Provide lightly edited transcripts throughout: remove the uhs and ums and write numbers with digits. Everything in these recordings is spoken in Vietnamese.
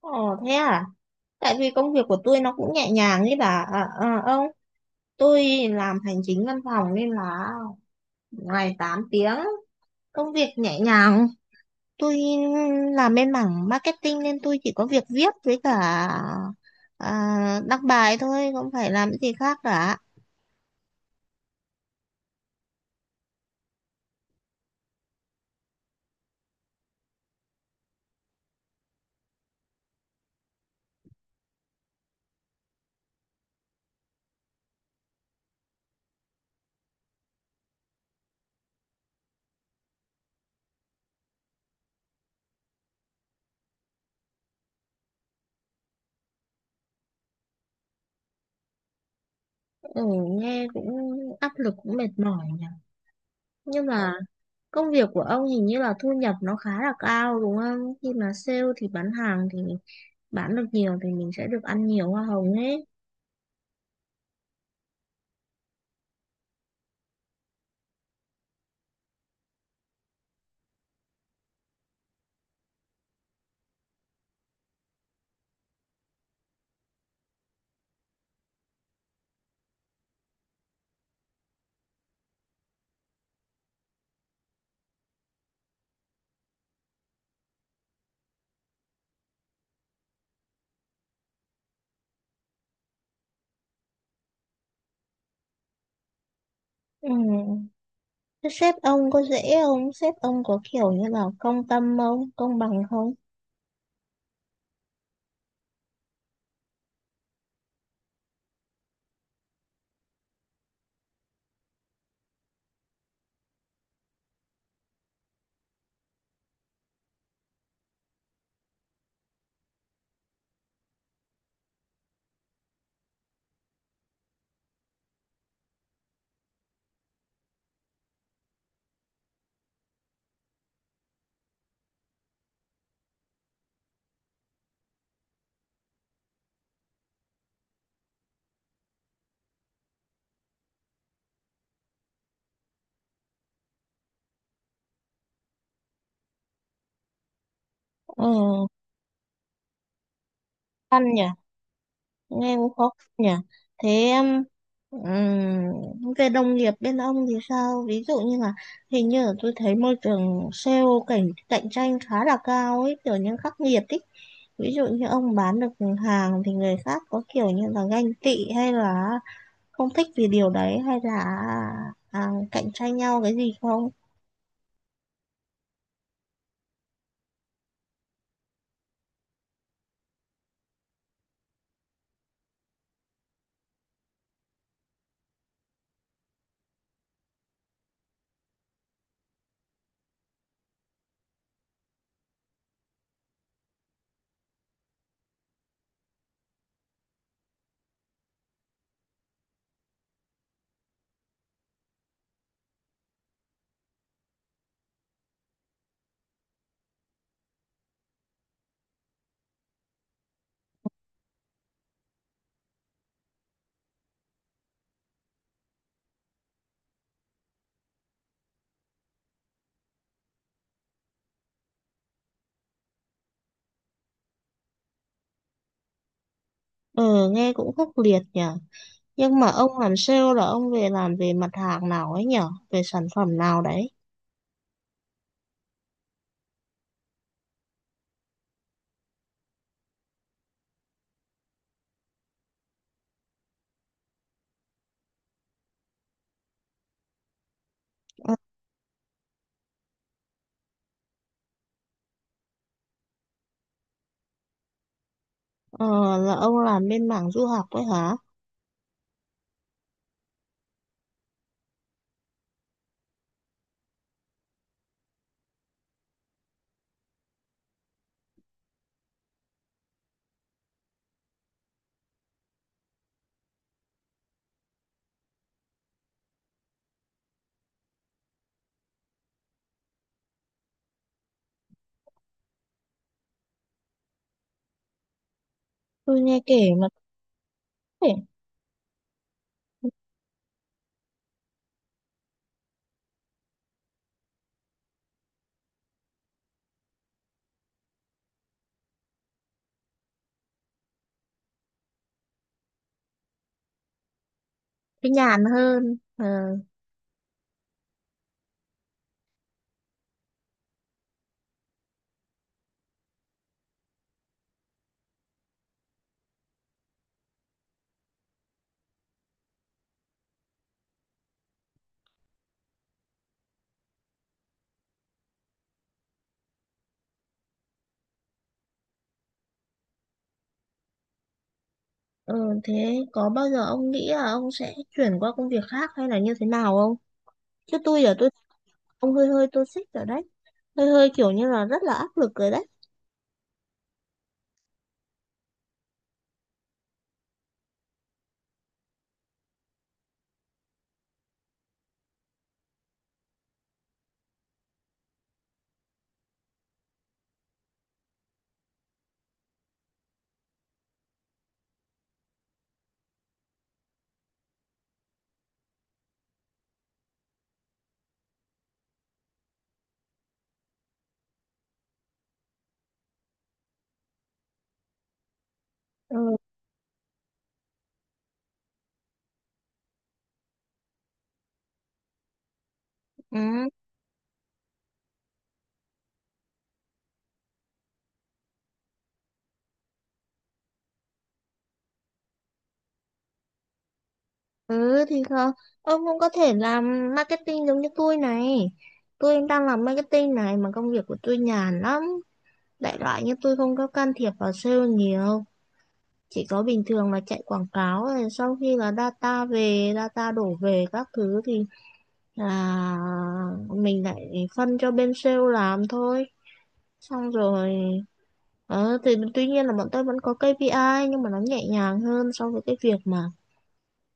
Ồ, thế à? Tại vì công việc của tôi nó cũng nhẹ nhàng ấy bà à, ông. Tôi làm hành chính văn phòng nên là ngày 8 tiếng, công việc nhẹ nhàng. Tôi làm bên mảng marketing nên tôi chỉ có việc viết với cả đăng bài thôi, không phải làm cái gì khác cả. Ừ, nghe cũng áp lực, cũng mệt mỏi nhỉ. Nhưng mà công việc của ông hình như là thu nhập nó khá là cao, đúng không? Khi mà sale thì bán hàng, thì bán được nhiều thì mình sẽ được ăn nhiều hoa hồng ấy. Ừ. Thế sếp ông có dễ không? Sếp ông có kiểu như là công tâm không? Công bằng không? Ừ, khăn nhỉ? Nghe cũng khó khăn nhỉ? Thế um, về đồng nghiệp bên ông thì sao? Ví dụ như là hình như là tôi thấy môi trường sale cạnh cạnh tranh khá là cao ấy, kiểu như khắc nghiệt ấy. Ví dụ như ông bán được hàng thì người khác có kiểu như là ganh tị hay là không thích vì điều đấy, hay là cạnh tranh nhau cái gì không? Ừ, nghe cũng khốc liệt nhở. Nhưng mà ông làm sale là ông về làm về mặt hàng nào ấy nhở? Về sản phẩm nào đấy? Ờ, ờ, là ông làm bên mảng du học ấy hả? Tôi nghe kể mà có vẻ cái nhàn hơn. Ờ, ờ, Thế có bao giờ ông nghĩ là ông sẽ chuyển qua công việc khác hay là như thế nào không? Chứ tôi giờ tôi ông hơi hơi tôi xích rồi đấy. Hơi hơi kiểu như là rất là áp lực rồi đấy. Ừ. Ừ. Ừ thì không, ông cũng có thể làm marketing giống như tôi này. Tôi đang làm marketing này mà công việc của tôi nhàn lắm. Đại loại như tôi không có can thiệp vào sale nhiều. Chỉ có bình thường là chạy quảng cáo rồi sau khi là data về, data đổ về các thứ thì là mình lại phân cho bên sale làm thôi. Xong rồi, thì tuy nhiên là bọn tôi vẫn có KPI nhưng mà nó nhẹ nhàng hơn so với cái việc mà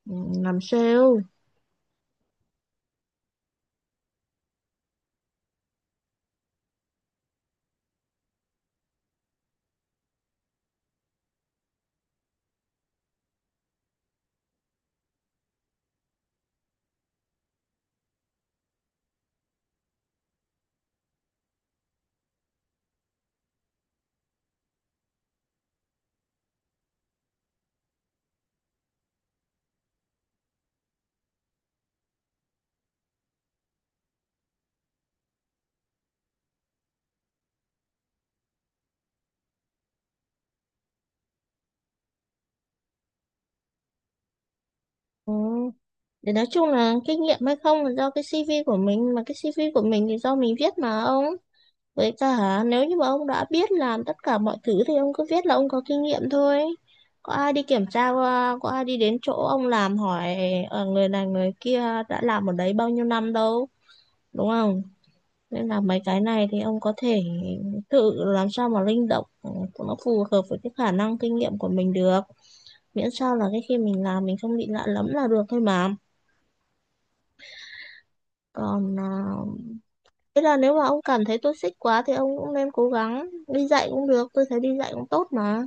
ừ, làm sale. Ừ. Để nói chung là kinh nghiệm hay không là do cái CV của mình, mà cái CV của mình thì do mình viết mà ông, với cả nếu như mà ông đã biết làm tất cả mọi thứ thì ông cứ viết là ông có kinh nghiệm thôi. Có ai đi kiểm tra qua, có ai đi đến chỗ ông làm hỏi người này người kia đã làm ở đấy bao nhiêu năm đâu, đúng không? Nên là mấy cái này thì ông có thể tự làm sao mà linh động cho nó phù hợp với cái khả năng kinh nghiệm của mình được, miễn sao là cái khi mình làm mình không bị lạ lẫm là được thôi mà. Còn à, thế là nếu mà ông cảm thấy tôi xích quá thì ông cũng nên cố gắng đi dạy cũng được, tôi thấy đi dạy cũng tốt mà.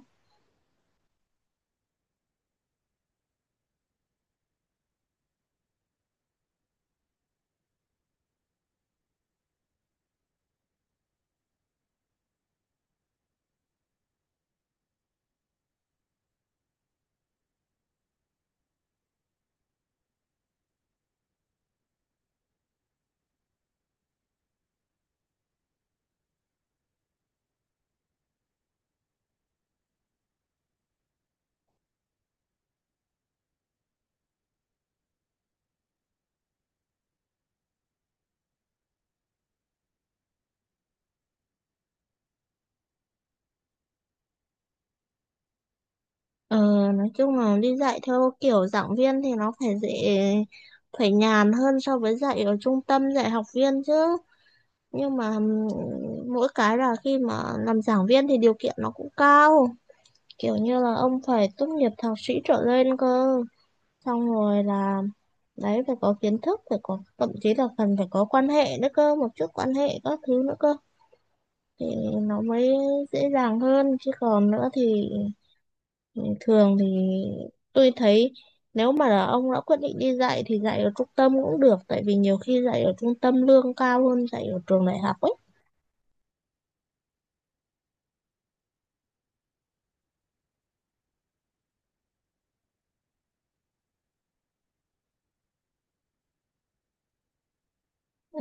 Ờ, nói chung là đi dạy theo kiểu giảng viên thì nó phải dễ, phải nhàn hơn so với dạy ở trung tâm dạy học viên chứ. Nhưng mà mỗi cái là khi mà làm giảng viên thì điều kiện nó cũng cao, kiểu như là ông phải tốt nghiệp thạc sĩ trở lên cơ. Xong rồi là đấy phải có kiến thức, phải có, thậm chí là cần phải có quan hệ nữa cơ, một chút quan hệ các thứ nữa cơ. Thì nó mới dễ dàng hơn, chứ còn nữa thì thường thì tôi thấy nếu mà là ông đã quyết định đi dạy thì dạy ở trung tâm cũng được, tại vì nhiều khi dạy ở trung tâm lương cao hơn dạy ở trường đại học ấy. Ừ,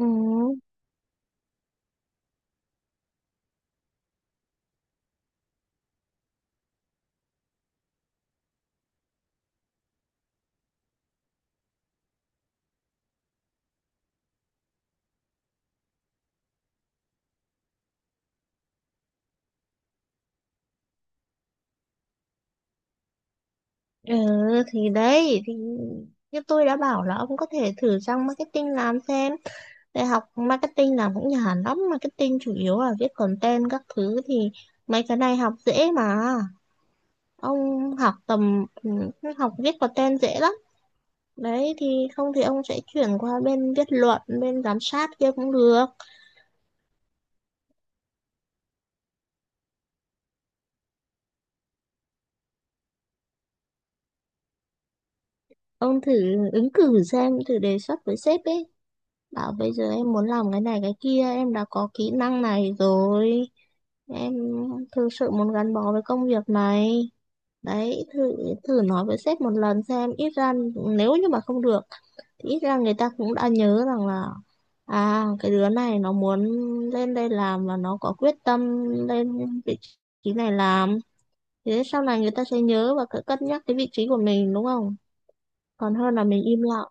ừ thì đấy thì như tôi đã bảo là ông có thể thử sang marketing làm xem, đại học marketing làm cũng nhàn lắm. Marketing chủ yếu là viết content các thứ thì mấy cái này học dễ mà. Ông học tầm học viết content dễ lắm. Đấy thì không thì ông sẽ chuyển qua bên viết luận, bên giám sát kia cũng được. Ông thử ứng cử xem, thử đề xuất với sếp ấy. Bảo bây giờ em muốn làm cái này cái kia, em đã có kỹ năng này rồi. Em thực sự muốn gắn bó với công việc này. Đấy, thử thử nói với sếp một lần xem, ít ra nếu như mà không được thì ít ra người ta cũng đã nhớ rằng là à, cái đứa này nó muốn lên đây làm và nó có quyết tâm lên vị trí này làm. Thế sau này người ta sẽ nhớ và cân cân nhắc cái vị trí của mình, đúng không? Còn hơn là mình im lặng.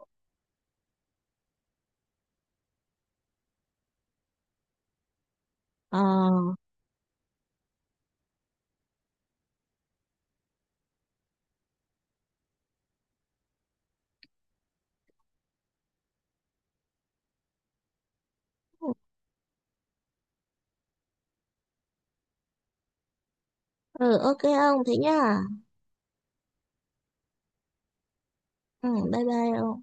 Ờ, ừ, ok ông, thế nhá. Ừ, bye bye ông.